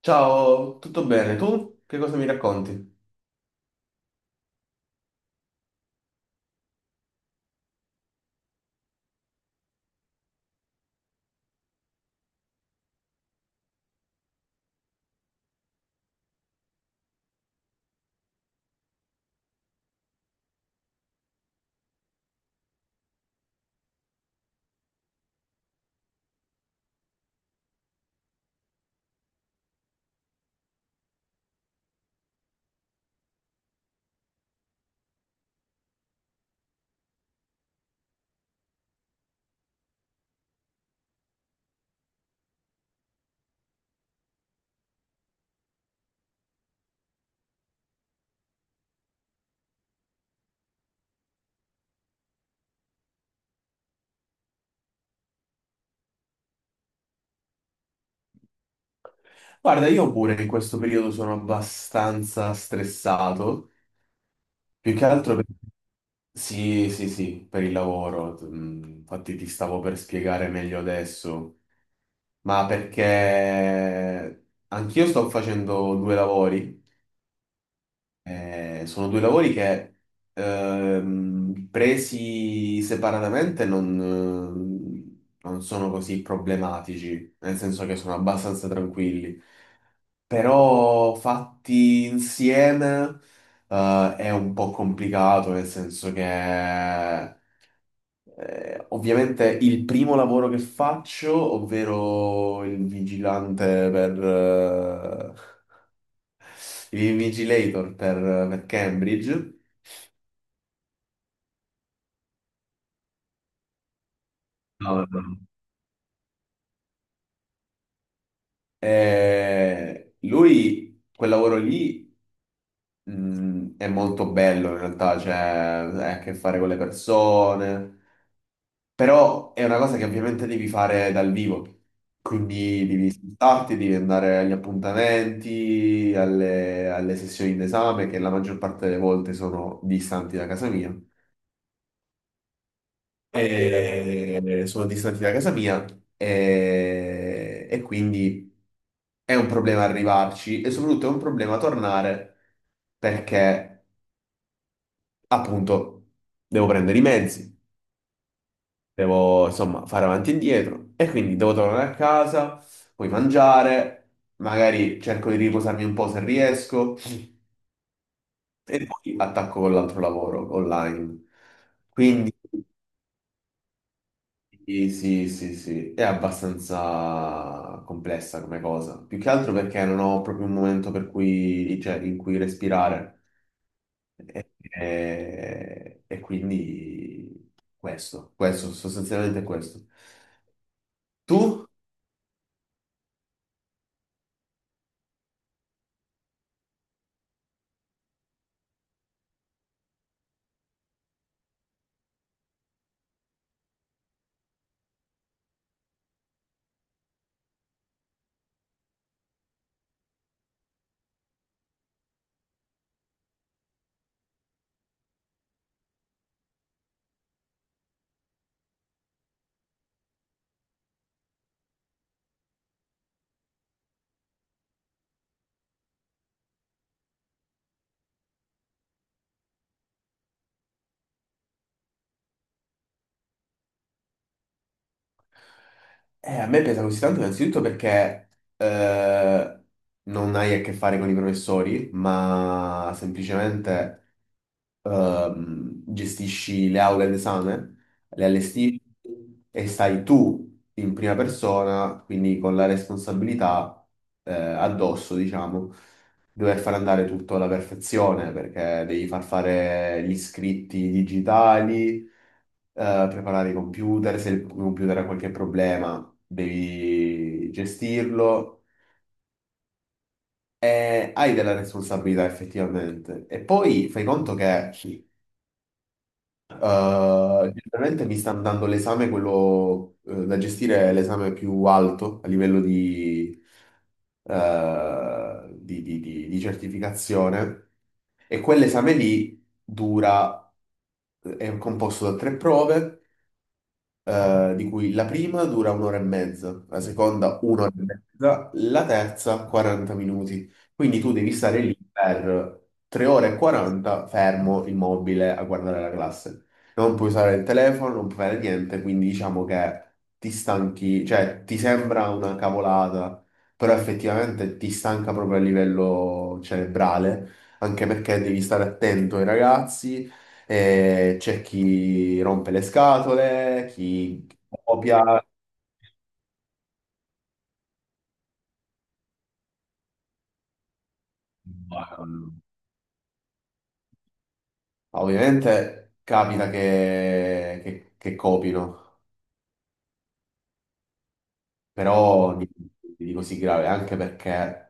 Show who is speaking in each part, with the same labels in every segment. Speaker 1: Ciao, tutto bene? Tu che cosa mi racconti? Guarda, io pure in questo periodo sono abbastanza stressato, più che altro per... Sì, sì, sì, per il lavoro. Infatti ti stavo per spiegare meglio adesso, ma perché anch'io sto facendo due lavori. Sono due lavori che presi separatamente non sono così problematici, nel senso che sono abbastanza tranquilli. Però fatti insieme è un po' complicato, nel senso che ovviamente il primo lavoro che faccio, ovvero il vigilante per il vigilator per Cambridge. No, no. Lui quel lavoro lì è molto bello in realtà, cioè ha a che fare con le persone. Però è una cosa che ovviamente devi fare dal vivo, quindi devi spostarti, devi andare agli appuntamenti, alle sessioni d'esame, che la maggior parte delle volte sono distanti da casa mia. Sono distanti da casa mia e quindi è un problema arrivarci e soprattutto è un problema tornare perché appunto devo prendere i mezzi. Devo insomma fare avanti e indietro e quindi devo tornare a casa, poi mangiare, magari cerco di riposarmi un po' se riesco e poi attacco con l'altro lavoro online. Quindi sì, sì, sì, sì, è abbastanza complessa come cosa, più che altro perché non ho proprio un momento per cui, cioè, in cui respirare. E quindi questo, sostanzialmente questo. Tu? A me pesa così tanto innanzitutto perché eh, non hai a che fare con i professori, ma semplicemente gestisci le aule d'esame, le allestisci e stai tu in prima persona, quindi con la responsabilità addosso, diciamo, di dover far andare tutto alla perfezione perché devi far fare gli scritti digitali, preparare i computer, se il computer ha qualche problema devi gestirlo e hai della responsabilità effettivamente. E poi fai conto che generalmente mi stanno dando l'esame, quello da gestire è l'esame più alto a livello di certificazione e quell'esame lì dura, è composto da tre prove. Di cui la prima dura un'ora e mezza, la seconda un'ora e mezza, la terza 40 minuti. Quindi tu devi stare lì per 3 ore e 40 fermo, immobile, a guardare la classe. Non puoi usare il telefono, non puoi fare niente, quindi diciamo che ti stanchi, cioè ti sembra una cavolata, però effettivamente ti stanca proprio a livello cerebrale, anche perché devi stare attento ai ragazzi, c'è chi rompe le scatole, chi copia. Ovviamente capita che copino, però di così grave, anche perché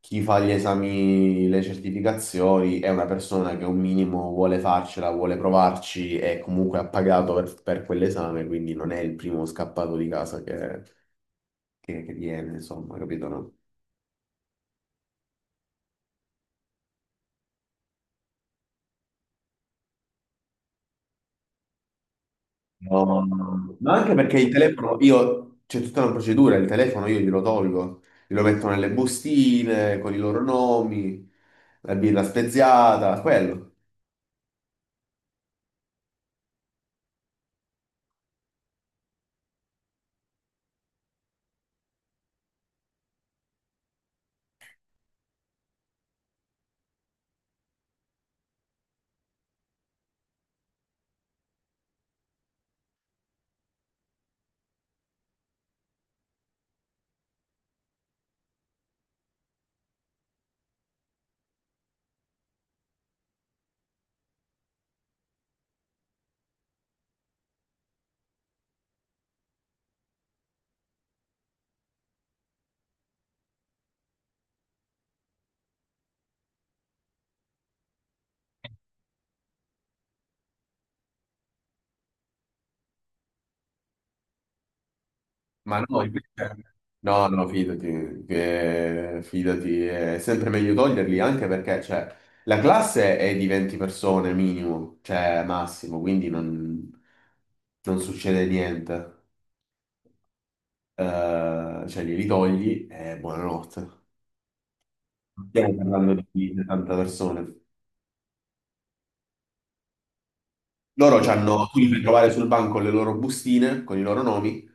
Speaker 1: chi fa gli esami, le certificazioni è una persona che un minimo vuole farcela, vuole provarci e comunque ha pagato per quell'esame, quindi non è il primo scappato di casa che viene, insomma, capito, no? No, no, no. Ma anche perché il telefono, io, c'è tutta una procedura, il telefono io glielo tolgo, glielo metto nelle bustine con i loro nomi, la birra speziata, quello. Ma no, no, no, fidati, fidati, è sempre meglio toglierli anche perché, cioè, la classe è di 20 persone minimo, cioè massimo, quindi non succede niente. Cioè, glieli togli e buonanotte. Stiamo parlando di 70 persone. Loro c'hanno, tu li fai trovare sul banco con le loro bustine, con i loro nomi,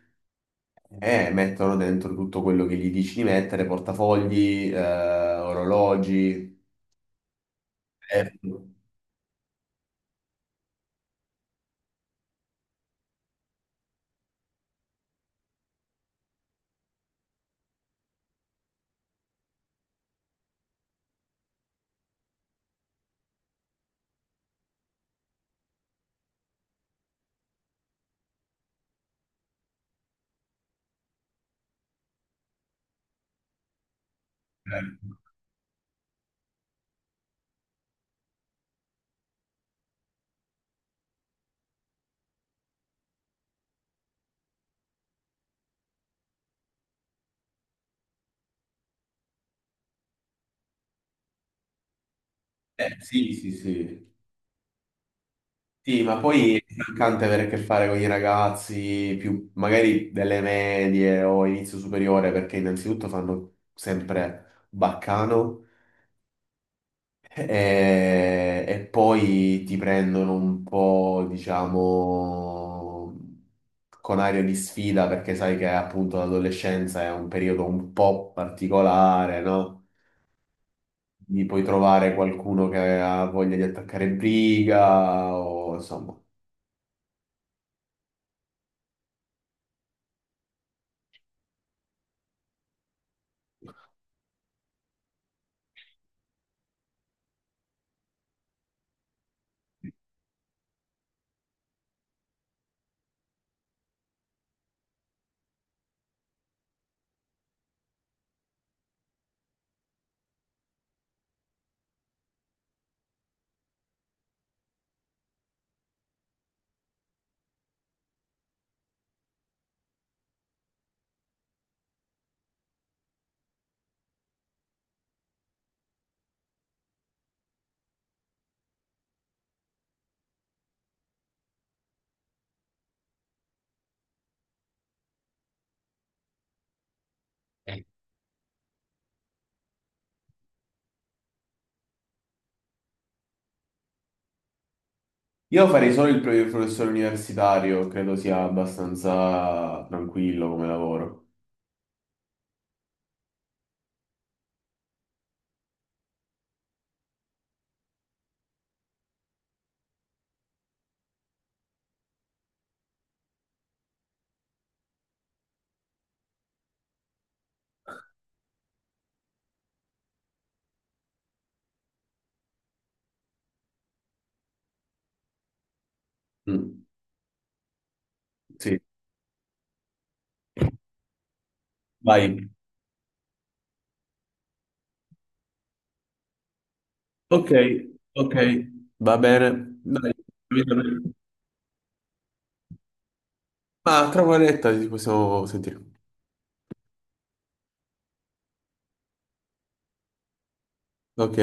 Speaker 1: e mettono dentro tutto quello che gli dici di mettere, portafogli, orologi. Eh, sì, sì, sì. Sì, ma poi è stancante avere a che fare con i ragazzi più magari delle medie o inizio superiore, perché innanzitutto fanno sempre baccano. E poi ti prendono un po', diciamo, con aria di sfida perché sai che appunto l'adolescenza è un periodo un po' particolare, no? Quindi puoi trovare qualcuno che ha voglia di attaccare briga o insomma. Eh, Io farei solo il professore universitario, credo sia abbastanza tranquillo come lavoro. Mm, sì, vai. Ok, ok, va bene. Dai, capito bene. Ma tra un'oretta ci possiamo sentire. Ok.